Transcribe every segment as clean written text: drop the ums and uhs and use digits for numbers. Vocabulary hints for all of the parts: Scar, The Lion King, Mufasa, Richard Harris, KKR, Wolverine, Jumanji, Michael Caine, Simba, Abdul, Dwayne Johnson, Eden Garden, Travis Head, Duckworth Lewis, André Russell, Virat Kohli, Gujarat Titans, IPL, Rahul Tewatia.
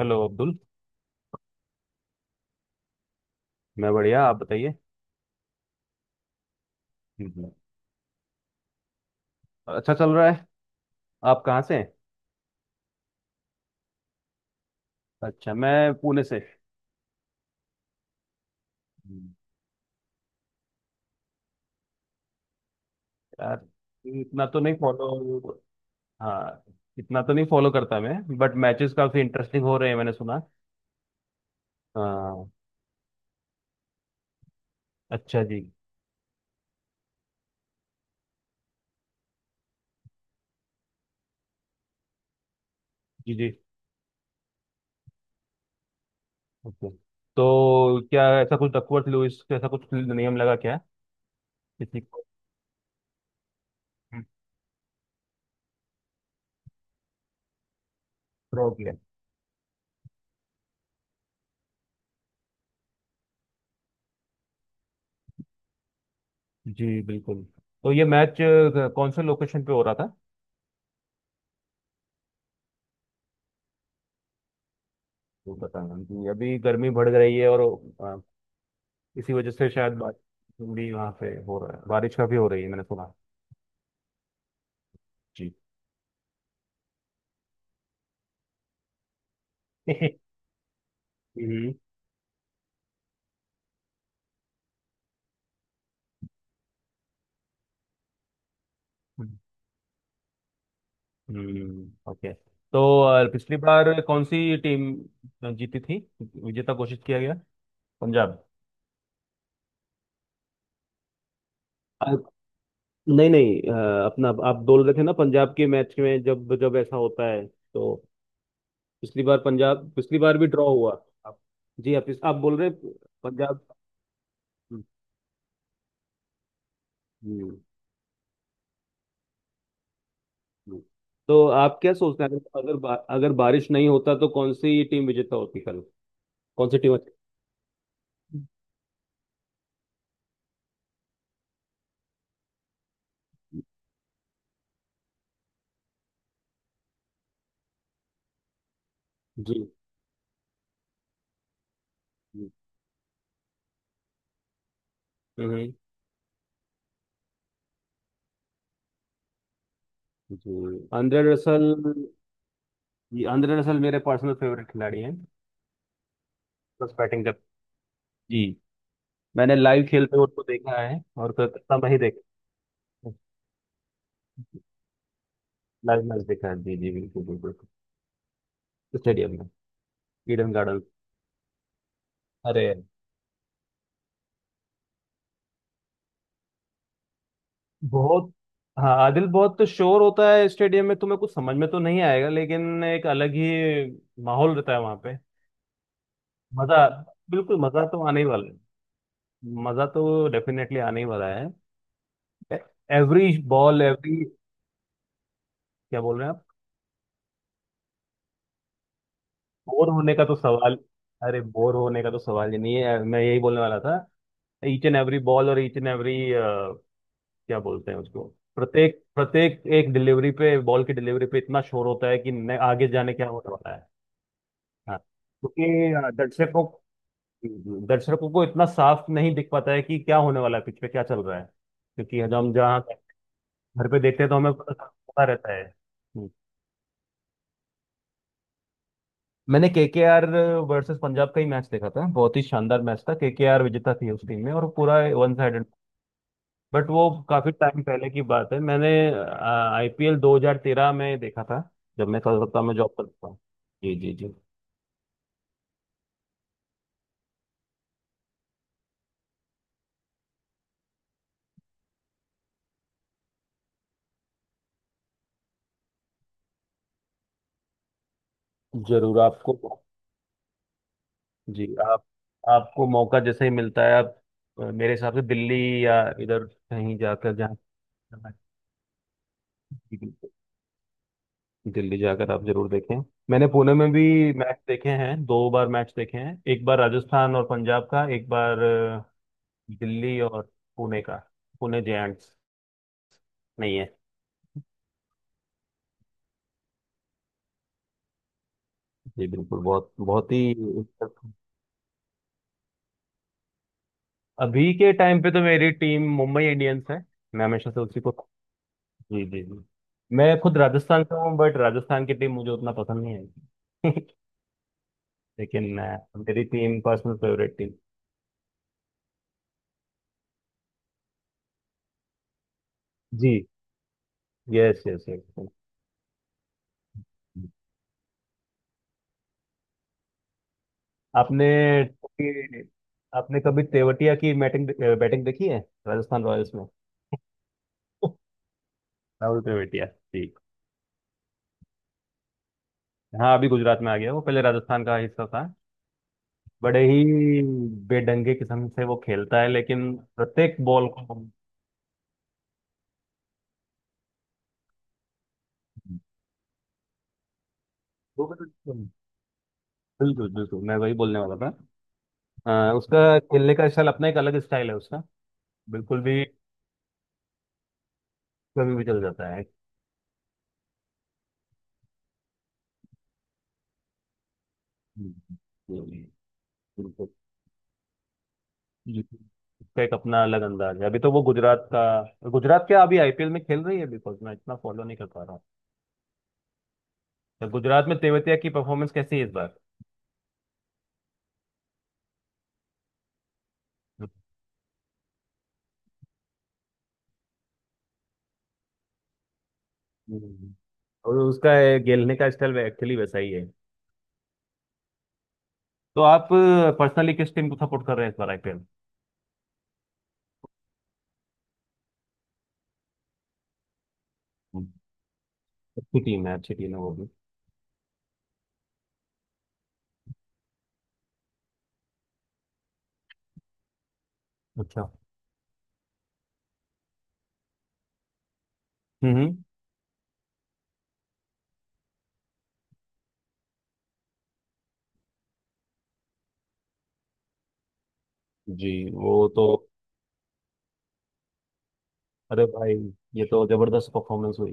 Hello Abdul. मैं बढ़िया, आप बताइए। हम्म। अच्छा चल रहा है। आप कहाँ से हैं? अच्छा, मैं पुणे से। हम्म। यार, इतना तो नहीं फॉलो। हाँ, इतना तो नहीं फॉलो करता मैं, बट मैचेस काफी इंटरेस्टिंग हो रहे हैं मैंने सुना। हाँ। अच्छा जी। जी जी। ओके। तो क्या ऐसा कुछ डकवर्थ लुईस, ऐसा कुछ नियम लगा क्या किसी को? ड्रॉ किया? जी बिल्कुल। तो ये मैच कौन से लोकेशन पे हो रहा था? वो बताना कि अभी गर्मी बढ़ रही है, और इसी वजह से शायद बारिश भी वहाँ पे हो रहा है, बारिश काफी हो रही है मैंने सुना। जी। हम्म। हम्म, ओके। तो पिछली बार कौन सी टीम जीती थी, विजेता घोषित किया गया? पंजाब? अ, नहीं नहीं, अपना आप बोल रहे थे ना, पंजाब के मैच में जब जब ऐसा होता है तो पिछली बार पंजाब, पिछली बार भी ड्रॉ हुआ? आप? जी, आप बोल रहे हैं पंजाब। हम्म। हम्म। हम्म। तो आप क्या सोचते हैं, अगर अगर, बा, अगर बारिश नहीं होता तो कौन सी टीम विजेता होती कल? कौन सी टीम अच्छी? जी जी। हम्म। जी आंद्रे रसल। जी, आंद्रे रसल मेरे पर्सनल फेवरेट खिलाड़ी हैं। प्लस बैटिंग कर। जी। मैंने लाइव खेलते हुए उनको देखा है, और कलकत्ता में ही देखा। लाइव मैच देखा है जी, जी बिल्कुल, बिल्कुल। स्टेडियम में। ईडन गार्डन। अरे, बहुत। हाँ आदिल, बहुत शोर होता है स्टेडियम में, तुम्हें कुछ समझ में तो नहीं आएगा, लेकिन एक अलग ही माहौल रहता है वहां। मजा। बिल्कुल, मजा तो आने ही वाला है। मजा तो डेफिनेटली आने ही वाला है। Every ball, every. क्या बोल रहे हैं आप? बोर होने का तो सवाल। अरे, बोर होने का तो सवाल ही नहीं है, मैं यही बोलने वाला था। ईच एंड एवरी बॉल और ईच एंड एवरी, क्या बोलते हैं उसको, प्रत्येक प्रत्येक एक डिलीवरी पे, बॉल की डिलीवरी पे इतना शोर होता है कि आगे जाने क्या होने वाला है। हाँ, क्योंकि दर्शकों, दर्शकों को इतना साफ नहीं दिख पाता है कि क्या होने वाला है, पिच पे क्या चल रहा है, क्योंकि हम जहाँ घर पे देखते हैं तो हमें पता पता रहता है। हम्म। मैंने केकेआर वर्सेस पंजाब का ही मैच देखा था, बहुत ही शानदार मैच था, केकेआर विजेता थी उस टीम में और पूरा वन साइडेड। बट वो काफी टाइम पहले की बात है, मैंने आईपीएल 2013 में देखा था जब मैं कलकत्ता में जॉब करता था। जी जी जी। जरूर आपको। जी, आप, आपको मौका जैसे ही मिलता है आप, मेरे हिसाब से दिल्ली या इधर कहीं जाकर, जहाँ, दिल्ली जाकर आप जरूर देखें। मैंने पुणे में भी मैच देखे हैं, दो बार मैच देखे हैं, एक बार राजस्थान और पंजाब का, एक बार दिल्ली और पुणे का, पुणे जायंट्स नहीं है। जी बिल्कुल, बहुत बहुत ही। अभी के टाइम पे तो मेरी टीम मुंबई इंडियंस है, मैं हमेशा से उसी को। जी जी जी। मैं खुद राजस्थान का हूँ बट राजस्थान की टीम मुझे उतना पसंद नहीं है। लेकिन मेरी टीम, पर्सनल फेवरेट टीम। जी। Yes yes yes. आपने, आपने कभी तेवतिया की बैटिंग बैटिंग देखी है, राजस्थान रॉयल्स में? राहुल तेवतिया, ठीक। हाँ, अभी गुजरात में आ गया, वो पहले राजस्थान का हिस्सा था। बड़े ही बेढंगे किस्म से वो खेलता है, लेकिन प्रत्येक बॉल को वो बिल्कुल, बिल्कुल बिल्कुल, मैं वही बोलने वाला था। उसका खेलने का स्टाइल, अपना एक अलग स्टाइल है उसका। बिल्कुल भी। कभी भी चल जाता है। हम्म। हम्म। बिल्कुल। जिसका एक अपना अलग अंदाज है। अभी तो वो गुजरात का, गुजरात क्या, अभी आईपीएल में खेल रही है, बिकॉज मैं इतना फॉलो नहीं कर पा रहा हूँ। तो गुजरात में तेवतिया की परफॉर्मेंस कैसी है इस बार? हम्म। और उसका ये खेलने का स्टाइल एक्चुअली वैसा ही है। तो आप पर्सनली किस टीम को सपोर्ट कर रहे हैं इस बार आईपीएल? अच्छी टीम है, अच्छी टीम है वो भी। अच्छा। हम्म हम्म। जी वो तो, अरे भाई, ये तो जबरदस्त परफॉर्मेंस हुई।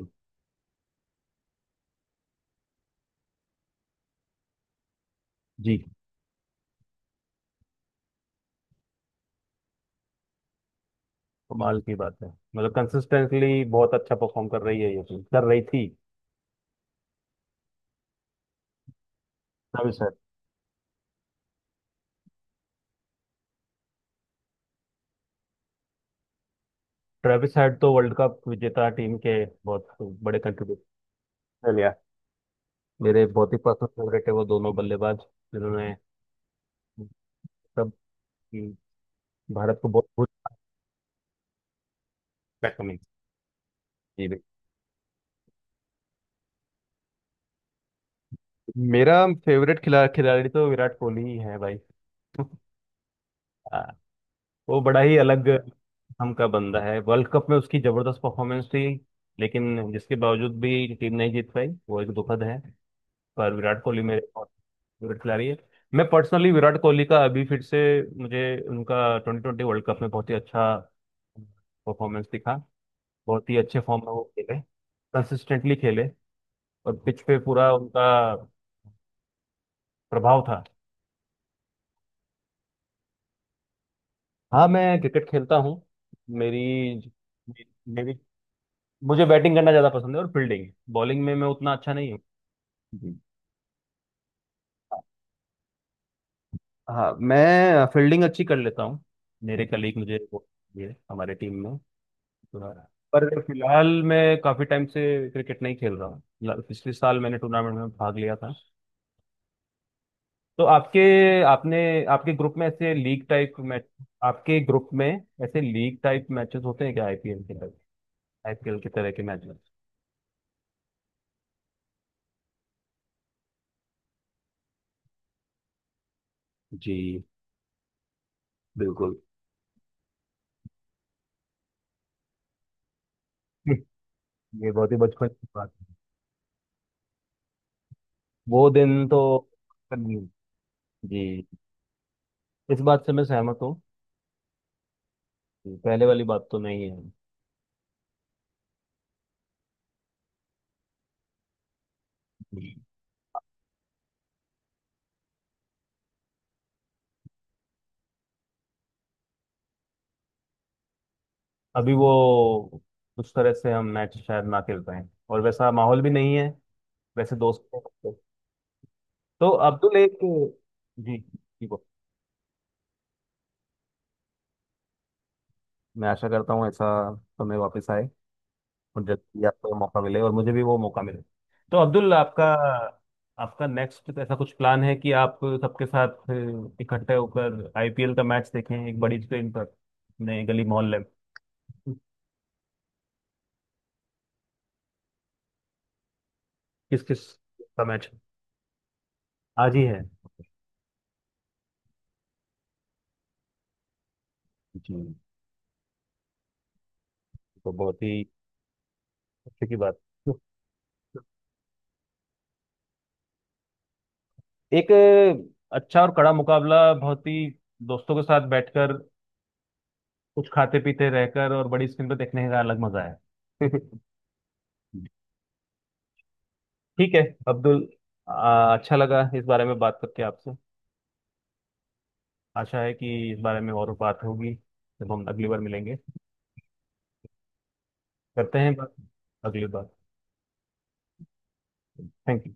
जी। कमाल की बात है। मतलब, कंसिस्टेंटली बहुत अच्छा परफॉर्म कर रही है ये टीम, कर रही थी। ट्रेविस हेड तो वर्ल्ड कप विजेता टीम के बहुत बड़े कंट्रीब्यूटर लिया। मेरे बहुत ही पर्सनल फेवरेट है वो दोनों बल्लेबाज, जिन्होंने, सब, भारत को बहुत कुछ, कमी। जी भाई। मेरा फेवरेट खिलाड़ी तो विराट कोहली ही है भाई। आ, वो बड़ा ही अलग हम का बंदा है, वर्ल्ड कप में उसकी जबरदस्त परफॉर्मेंस थी, लेकिन जिसके बावजूद भी टीम नहीं जीत पाई, वो एक दुखद है। पर विराट कोहली मेरे बहुत फेवरेट खिलाड़ी है। मैं पर्सनली विराट कोहली का अभी फिर से, मुझे उनका ट्वेंटी ट्वेंटी वर्ल्ड कप में बहुत ही अच्छा परफॉर्मेंस दिखा, बहुत ही अच्छे फॉर्म में वो खेले, कंसिस्टेंटली खेले, और पिच पे पूरा उनका प्रभाव था। हाँ, मैं क्रिकेट खेलता हूँ। मेरी मेरी मुझे बैटिंग करना ज़्यादा पसंद है, और फील्डिंग बॉलिंग में मैं उतना अच्छा नहीं हूँ। जी। हाँ, मैं फील्डिंग अच्छी कर लेता हूँ, मेरे कलीग मुझे वो, ये हमारे टीम में, पर फिलहाल मैं काफी टाइम से क्रिकेट नहीं खेल रहा हूँ। पिछले साल मैंने टूर्नामेंट में भाग लिया था। तो आपके, आपने, आपके ग्रुप में ऐसे लीग टाइप मैच, आपके ग्रुप में ऐसे लीग टाइप मैचेस होते हैं क्या आईपीएल के तरह, आईपीएल की तरह के मैचेस? जी बिल्कुल। ये बहुत ही बचपन की बात है। वो दिन तो नहीं। जी। इस बात से मैं सहमत हूँ। पहले वाली बात तो नहीं है। जी। अभी वो उस तरह से हम मैच शायद ना खेल पाए, और वैसा माहौल भी नहीं है, वैसे दोस्त हैं। तो अब्दुल एक, जी जी बोल। मैं आशा करता हूँ ऐसा समय वापस आए, और जब भी आपको मौका मिले और मुझे भी वो मौका मिले। तो अब्दुल आपका, आपका नेक्स्ट ऐसा कुछ प्लान है कि आप सबके साथ इकट्ठे होकर आईपीएल का मैच देखें एक बड़ी स्क्रीन पर अपने गली मोहल्ले में? किस किस का मैच है? आज ही है? जी। तो बहुत ही अच्छे की बात। एक अच्छा और कड़ा मुकाबला, बहुत ही, दोस्तों के साथ बैठकर, कुछ खाते पीते रहकर और बड़ी स्क्रीन पर देखने का अलग मजा है। ठीक है अब्दुल, अच्छा लगा इस बारे में बात करके आपसे। आशा है कि इस बारे में और बात होगी जब हम अगली बार मिलेंगे। करते हैं बात अगली बार। Thank you.